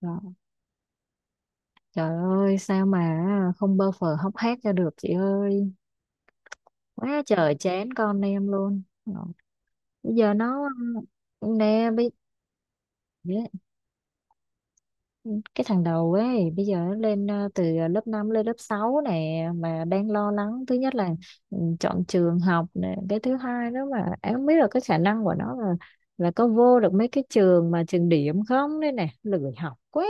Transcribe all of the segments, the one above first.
Đó. Trời ơi, sao mà không bơ phờ hóc hác cho được chị ơi, quá trời chán con em luôn. Đó, bây giờ nó nè bây cái thằng đầu ấy bây giờ nó lên từ lớp 5 lên lớp 6 nè, mà đang lo lắng. Thứ nhất là chọn trường học nè, cái thứ hai đó mà em không biết là cái khả năng của nó là có vô được mấy cái trường mà trường điểm không đây nè, lười học quá.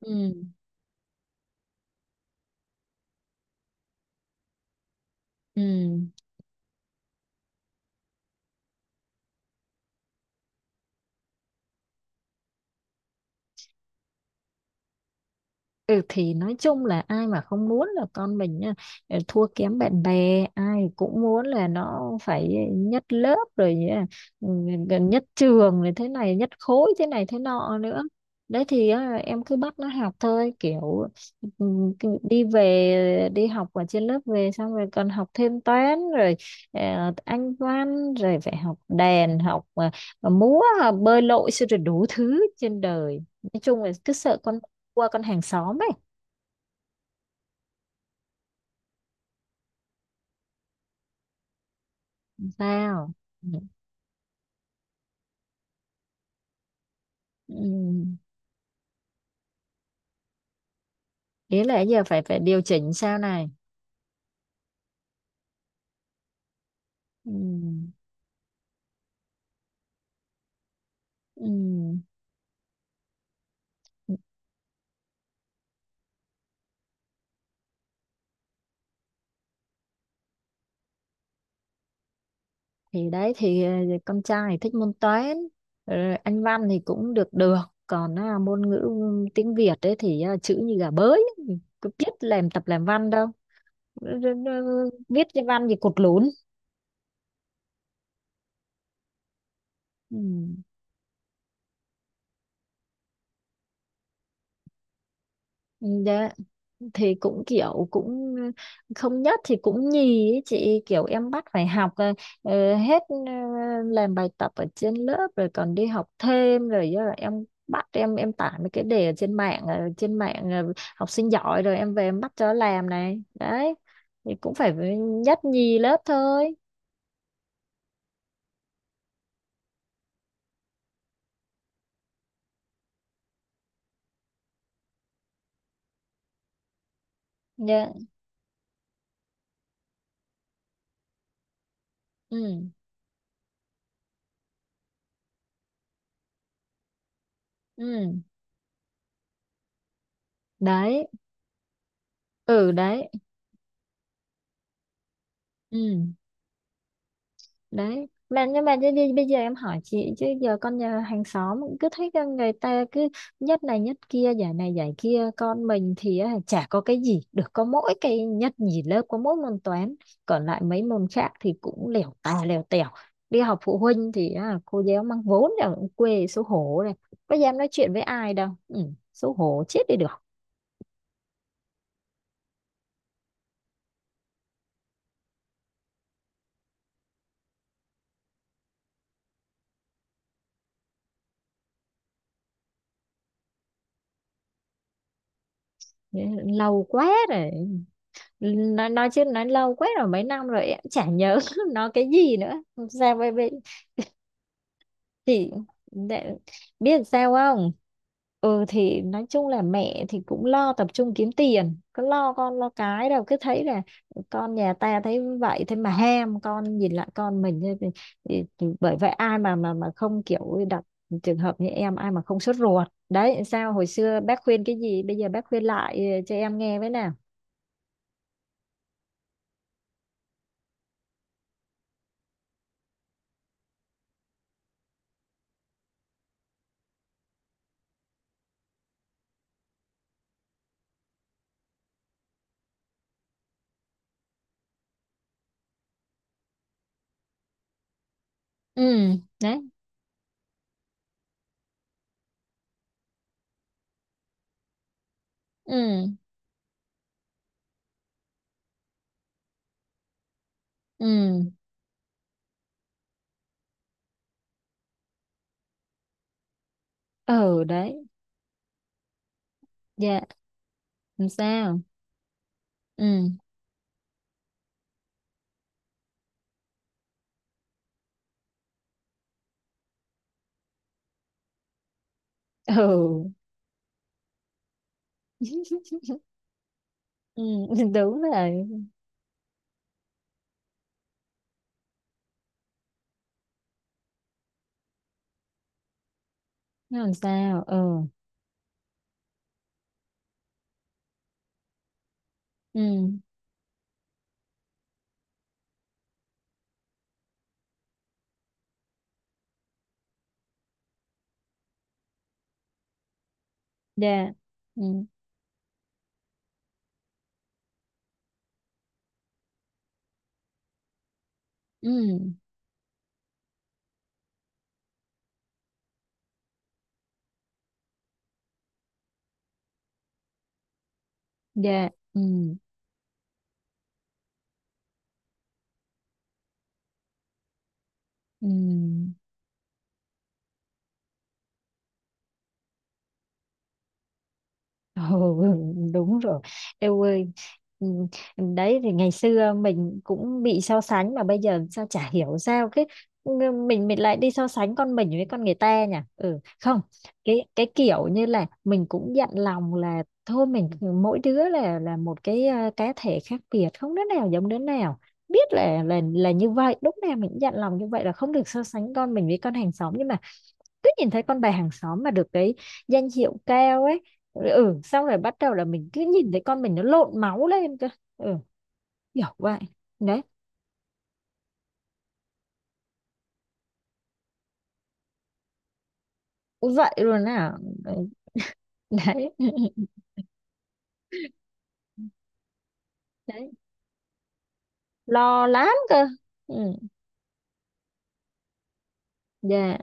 Ừ. Ừ. Ừ, thì nói chung là ai mà không muốn là con mình á, thua kém bạn bè, ai cũng muốn là nó phải nhất lớp rồi nhá, ừ, gần nhất trường rồi, thế này nhất khối thế này thế nọ nữa. Đấy thì á, em cứ bắt nó học thôi, kiểu ừ, cứ đi về, đi học ở trên lớp về xong rồi còn học thêm toán rồi anh văn rồi phải học đàn, học múa, bơi lội, xong rồi đủ thứ trên đời. Nói chung là cứ sợ con qua con hàng xóm ấy. Không sao. Ừ. Ừ. Ý là giờ phải phải điều chỉnh sao này? Ừ. Ừ. Thì đấy thì ờ, con trai thì thích môn toán, rồi anh văn thì cũng được được, còn à, môn ngữ ừ, tiếng Việt ấy thì à, chữ như gà bới, cứ biết làm tập làm văn đâu. Ừ, ừ, ừ, viết cái văn gì cột lún. Ừ. Ừ, đấy. Thì cũng kiểu cũng không nhất thì cũng nhì ấy chị, kiểu em bắt phải học ờ, hết ờ, làm bài tập ở trên lớp rồi còn đi học thêm, rồi do là em bắt em tải mấy cái đề ở trên mạng trên mạng học sinh giỏi, rồi em về em bắt cho làm này đấy, thì cũng phải nhất nhì lớp thôi. Dạ. Ừ. Ừ. Đấy. Ừ. Đấy. Ừ. Đấy mà nhưng mà đi, đi, bây giờ em hỏi chị chứ giờ con nhà hàng xóm cũng cứ thấy con người ta cứ nhất này nhất kia, giải này giải kia, con mình thì á, chả có cái gì được, có mỗi cái nhất nhì lớp, có mỗi môn toán, còn lại mấy môn khác thì cũng lèo tà lèo tèo. Đi học phụ huynh thì á, cô giáo mang vốn là cũng quê, xấu hổ này, có dám nói chuyện với ai đâu, ừ, xấu hổ chết đi được. Lâu quá rồi. Nói chứ nói lâu quá rồi, mấy năm rồi em chả nhớ nó cái gì nữa. Sao vậy chị? Để biết sao không? Ừ, thì nói chung là mẹ thì cũng lo tập trung kiếm tiền, cứ lo con lo cái đâu, cứ thấy là con nhà ta thấy vậy thế mà ham, con nhìn lại con mình thế thì, thì bởi vậy ai mà không kiểu đặt trường hợp như em, ai mà không sốt ruột. Đấy, sao hồi xưa bác khuyên cái gì, bây giờ bác khuyên lại cho em nghe với nào. Ừ. Đấy. Ừ. Ừ. Ừ. Đấy. Dạ. Làm sao? Ừ. Ừ. Ừ, đúng rồi. Nó làm sao? Ừ. Ừ. Dạ. Ừ. Ừ. Dạ. Ừ. Ừ. Ồ, đúng rồi em ơi. Ừ, đấy thì ngày xưa mình cũng bị so sánh, mà bây giờ sao chả hiểu sao cái ừ, mình lại đi so sánh con mình với con người ta nhỉ. Ừ không, cái kiểu như là mình cũng dặn lòng là thôi mình mỗi đứa là một cái cá thể khác biệt, không đứa nào giống đứa nào. Biết là như vậy, lúc nào mình cũng dặn lòng như vậy là không được so sánh con mình với con hàng xóm, nhưng mà cứ nhìn thấy con bà hàng xóm mà được cái danh hiệu cao ấy, ừ, xong rồi bắt đầu là mình cứ nhìn thấy con mình nó lộn máu lên cơ. Ừ, kiểu vậy đấy. Vậy luôn à? Đấy. Đấy, lo lắm cơ. Ừ. Dạ,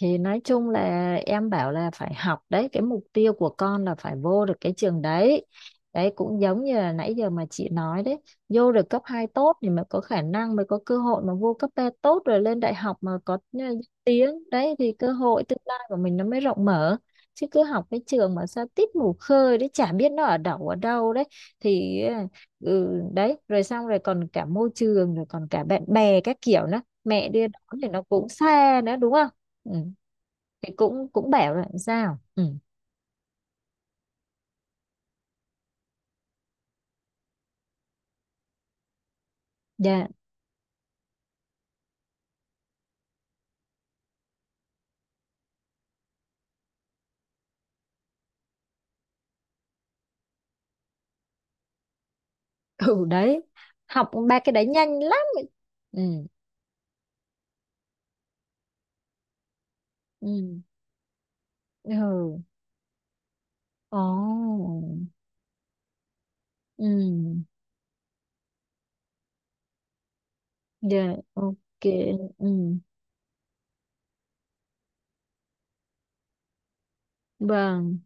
thì nói chung là em bảo là phải học, đấy, cái mục tiêu của con là phải vô được cái trường đấy, đấy, cũng giống như là nãy giờ mà chị nói đấy. Vô được cấp 2 tốt thì mới có khả năng, mới có cơ hội mà vô cấp 3 tốt, rồi lên đại học mà có tiếng đấy, thì cơ hội tương lai của mình nó mới rộng mở. Chứ cứ học cái trường mà sao tít mù khơi đấy, chả biết nó ở đâu đấy thì ừ, đấy, rồi xong rồi còn cả môi trường rồi còn cả bạn bè các kiểu nữa, mẹ đưa đón thì nó cũng xa nữa đúng không? Ừ, thì cũng cũng bảo là sao. Ừ. Dạ. Ừ, đấy, học ba cái đấy nhanh lắm. Ừ. Ừ. Ừ. Ồ. Ừ. Dạ. Ok. Ừ. Vâng.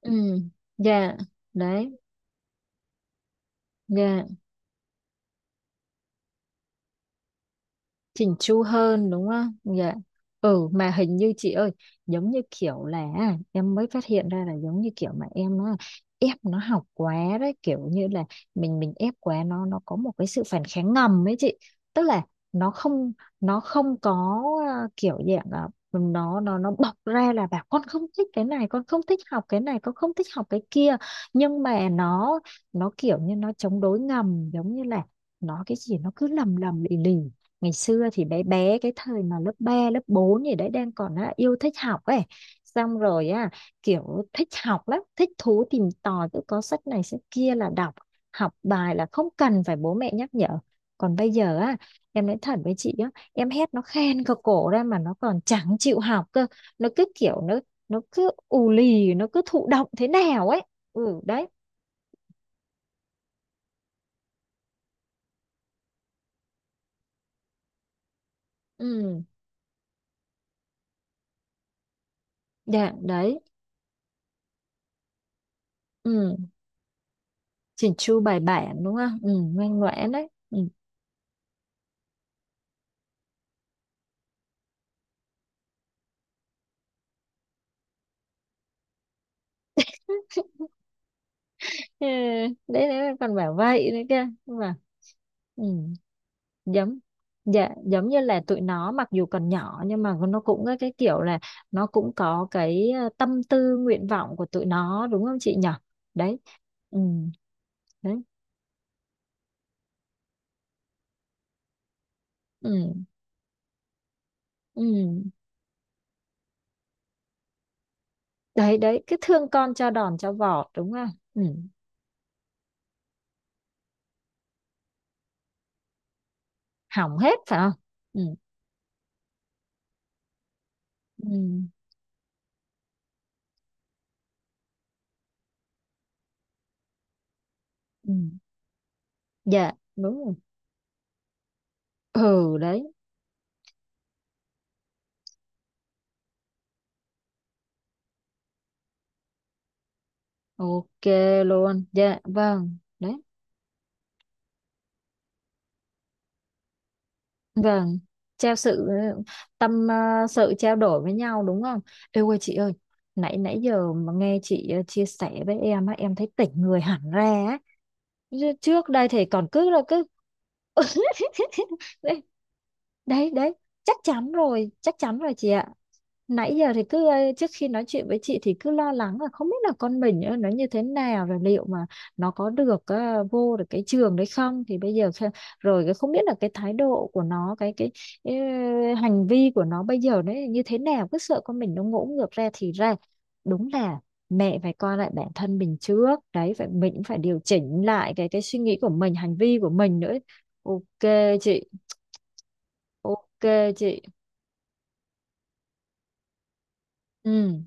Ừ. Dạ. Đấy. Dạ, chỉnh chu hơn đúng không? Dạ. Ừ mà hình như chị ơi, giống như kiểu là em mới phát hiện ra là giống như kiểu mà em nó ép nó học quá đấy, kiểu như là mình ép quá, nó có một cái sự phản kháng ngầm ấy chị. Tức là nó không, nó không có kiểu dạng là nó bộc ra là bảo con không thích cái này, con không thích học cái này, con không thích học cái kia, nhưng mà nó kiểu như nó chống đối ngầm, giống như là nó cái gì nó cứ lầm lầm lì lì. Ngày xưa thì bé bé, cái thời mà lớp 3 lớp 4 gì đấy đang còn á, yêu thích học ấy, xong rồi á, kiểu thích học lắm, thích thú tìm tòi, cứ có sách này sách kia là đọc, học bài là không cần phải bố mẹ nhắc nhở. Còn bây giờ á, em nói thật với chị á, em hét nó khen cả cổ ra mà nó còn chẳng chịu học cơ. Nó cứ kiểu nó cứ ù lì, nó cứ thụ động thế nào ấy. Ừ, đấy. Ừ. Dạ. Đấy. Ừ, chỉnh chu bài bản đúng không, ừ, ngoan ngoãn đấy. Ừ. Ừ, đấy, đấy còn bảo vậy đấy kia mà. Ừ. Giống, dạ, giống như là tụi nó mặc dù còn nhỏ nhưng mà nó cũng có cái kiểu là nó cũng có cái tâm tư nguyện vọng của tụi nó, đúng không chị nhỉ? Đấy. Ừ, đấy. Ừ. Ừ. Đấy, đấy, cứ thương con cho đòn cho vọt đúng không? Ừ. Hỏng hết phải không? Ừ. Ừ. Ừ. Dạ đúng rồi. Ừ, đấy. Ok luôn. Dạ vâng. Đấy, Vâng, trao sự tâm, sự trao đổi với nhau đúng không? Ê ơi chị ơi, nãy nãy giờ mà nghe chị chia sẻ với em á, em thấy tỉnh người hẳn ra á. Chứ trước đây thì còn cứ là cứ đấy, đấy, đấy, chắc chắn rồi, chắc chắn rồi chị ạ. Nãy giờ thì cứ trước khi nói chuyện với chị thì cứ lo lắng là không biết là con mình nó như thế nào, rồi liệu mà nó có được vô được cái trường đấy không, thì bây giờ kh-, rồi cái không biết là cái thái độ của nó cái ờ, hành vi của nó bây giờ đấy như thế nào, cứ sợ con mình nó ngỗ ngược ra thì ra. Đúng là mẹ phải coi lại bản thân mình trước đấy, phải mình cũng phải điều chỉnh lại cái suy nghĩ của mình, hành vi của mình nữa. Ok chị, ok chị. Ừ.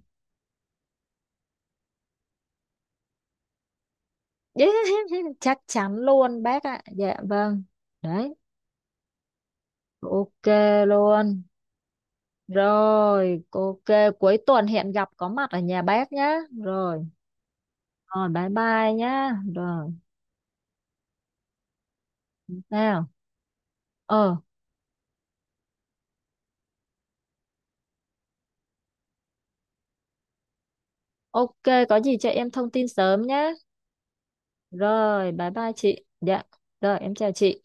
Chắc chắn luôn bác ạ. Dạ vâng. Đấy, ok luôn. Rồi, ok, cuối tuần hẹn gặp có mặt ở nhà bác nhá. Rồi, rồi bye bye nhá. Rồi, nào. Ờ, ok, có gì cho em thông tin sớm nhá. Rồi, bye bye chị. Dạ. Rồi, em chào chị.